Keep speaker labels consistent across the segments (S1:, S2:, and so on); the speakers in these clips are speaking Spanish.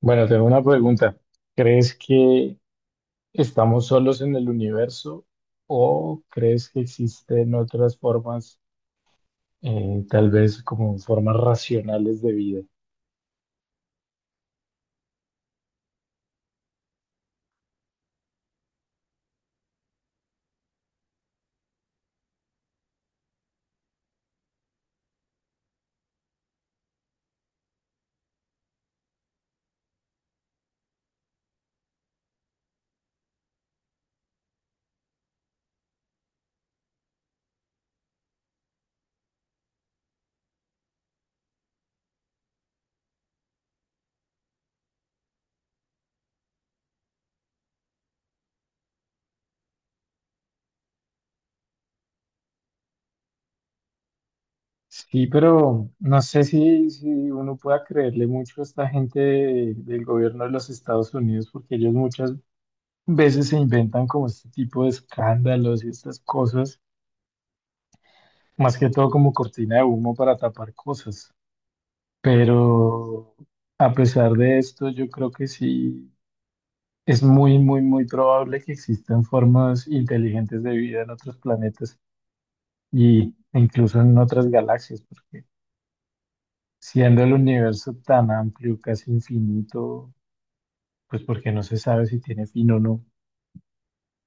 S1: Bueno, tengo una pregunta. ¿Crees que estamos solos en el universo o crees que existen otras formas, tal vez como formas racionales de vida? Sí, pero no sé si uno pueda creerle mucho a esta gente del gobierno de los Estados Unidos, porque ellos muchas veces se inventan como este tipo de escándalos y estas cosas, más que todo como cortina de humo para tapar cosas. Pero a pesar de esto, yo creo que sí es muy, muy, muy probable que existan formas inteligentes de vida en otros planetas y e incluso en otras galaxias, porque siendo el universo tan amplio, casi infinito, pues porque no se sabe si tiene fin o no,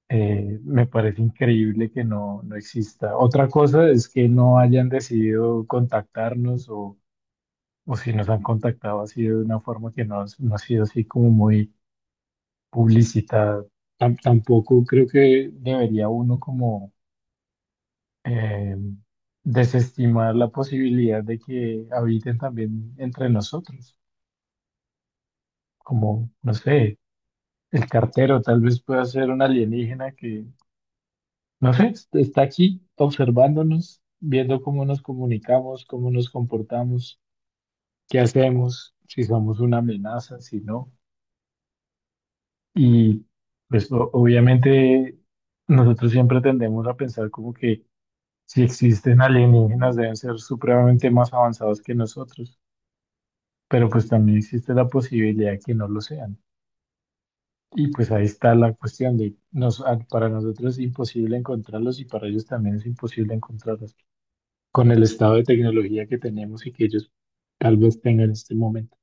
S1: me parece increíble que no exista. Otra cosa es que no hayan decidido contactarnos o si nos han contactado ha sido de una forma que no ha sido así como muy publicidad. Tampoco creo que debería uno como eh, desestimar la posibilidad de que habiten también entre nosotros, como, no sé, el cartero tal vez pueda ser un alienígena que, no sé, está aquí observándonos, viendo cómo nos comunicamos, cómo nos comportamos, qué hacemos, si somos una amenaza, si no. Y pues obviamente nosotros siempre tendemos a pensar como que si existen alienígenas, deben ser supremamente más avanzados que nosotros, pero pues también existe la posibilidad que no lo sean. Y pues ahí está la cuestión de, para nosotros es imposible encontrarlos y para ellos también es imposible encontrarlos con el estado de tecnología que tenemos y que ellos tal vez tengan en este momento.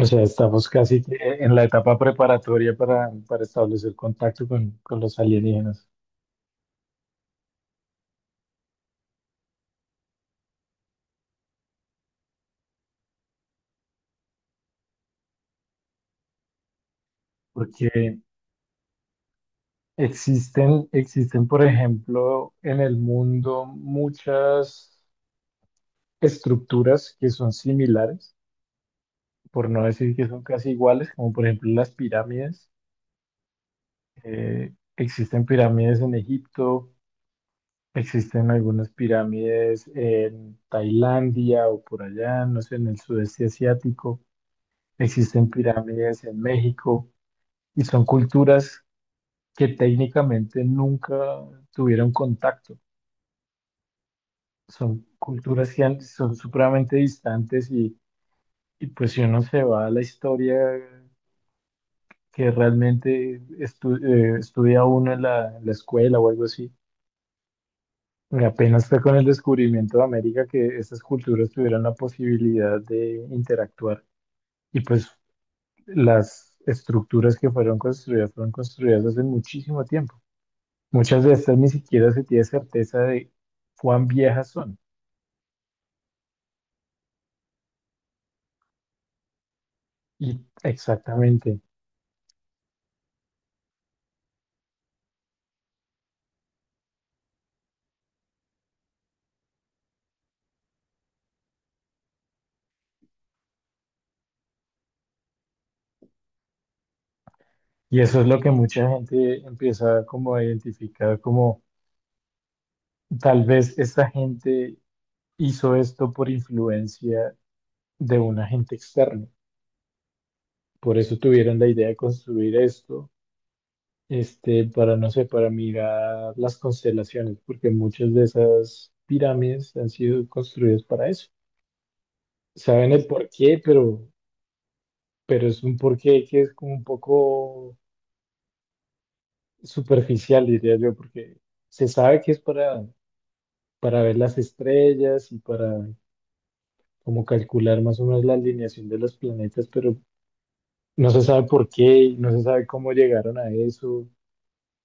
S1: O sea, estamos casi que en la etapa preparatoria para establecer contacto con los alienígenas, porque existen, por ejemplo, en el mundo muchas estructuras que son similares, por no decir que son casi iguales, como por ejemplo las pirámides. Eh, existen pirámides en Egipto, existen algunas pirámides en Tailandia o por allá, no sé, en el sudeste asiático. Existen pirámides en México y son culturas que técnicamente nunca tuvieron contacto. Son culturas que son supremamente distantes y pues si uno se va a la historia que realmente estudia uno en en la escuela o algo así, apenas fue con el descubrimiento de América que estas culturas tuvieron la posibilidad de interactuar y pues las estructuras que fueron construidas hace muchísimo tiempo. Muchas de estas ni siquiera se tiene certeza de cuán viejas son. Y exactamente. Y eso es lo que mucha gente empieza como a identificar como tal vez esta gente hizo esto por influencia de un agente externo. Por eso tuvieron la idea de construir esto, este, para, no sé, para mirar las constelaciones, porque muchas de esas pirámides han sido construidas para eso. Saben el porqué, pero es un porqué que es como un poco superficial, diría yo, porque se sabe que es para ver las estrellas y para como calcular más o menos la alineación de los planetas, pero no se sabe por qué, y no se sabe cómo llegaron a eso,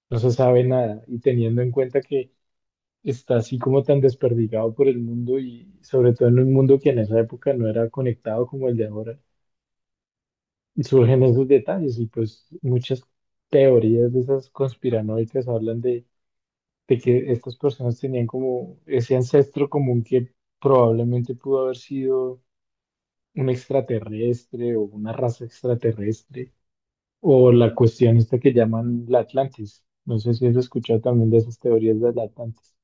S1: no se sabe nada. Y teniendo en cuenta que está así como tan desperdigado por el mundo y sobre todo en un mundo que en esa época no era conectado como el de ahora, surgen esos detalles y pues muchas teorías de esas conspiranoicas hablan de que estas personas tenían como ese ancestro común que probablemente pudo haber sido un extraterrestre o una raza extraterrestre, o la cuestión esta que llaman la Atlantis. No sé si has escuchado también de esas teorías de la Atlantis,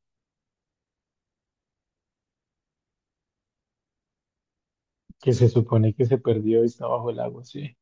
S1: que se supone que se perdió y está bajo el agua, sí.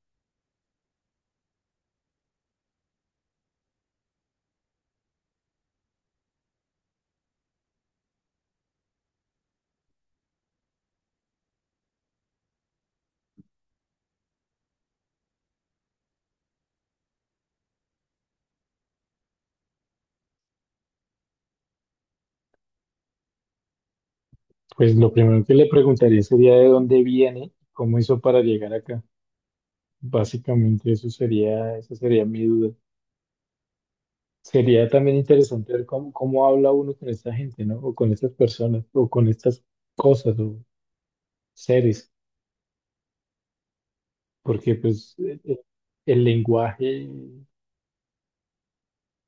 S1: Pues lo primero que le preguntaría sería de dónde viene, cómo hizo para llegar acá. Básicamente eso sería, esa sería mi duda. Sería también interesante ver cómo, cómo habla uno con esta gente, ¿no? O con estas personas, o con estas cosas o seres, porque pues el lenguaje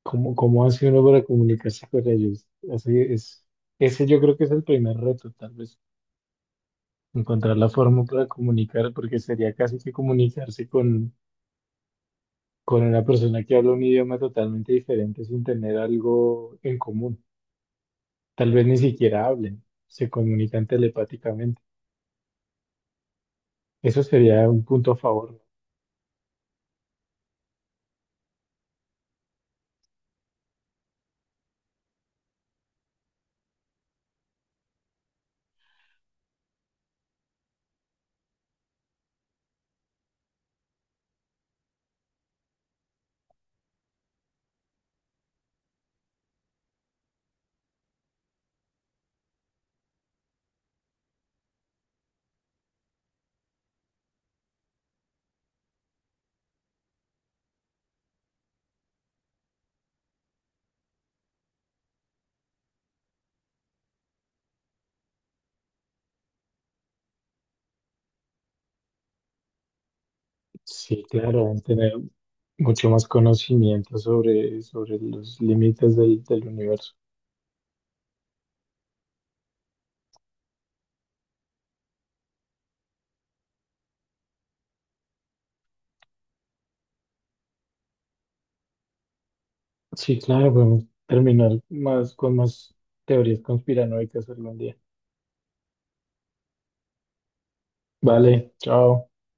S1: ¿cómo, cómo hace uno para comunicarse con ellos? Así es, ese yo creo que es el primer reto, tal vez, encontrar la forma para comunicar, porque sería casi que comunicarse con una persona que habla un idioma totalmente diferente sin tener algo en común. Tal vez ni siquiera hablen, se comunican telepáticamente. Eso sería un punto a favor. Sí, claro, van a tener mucho más conocimiento sobre, sobre los límites del del universo. Sí, claro, podemos terminar más con más teorías conspiranoicas algún día. Vale, chao.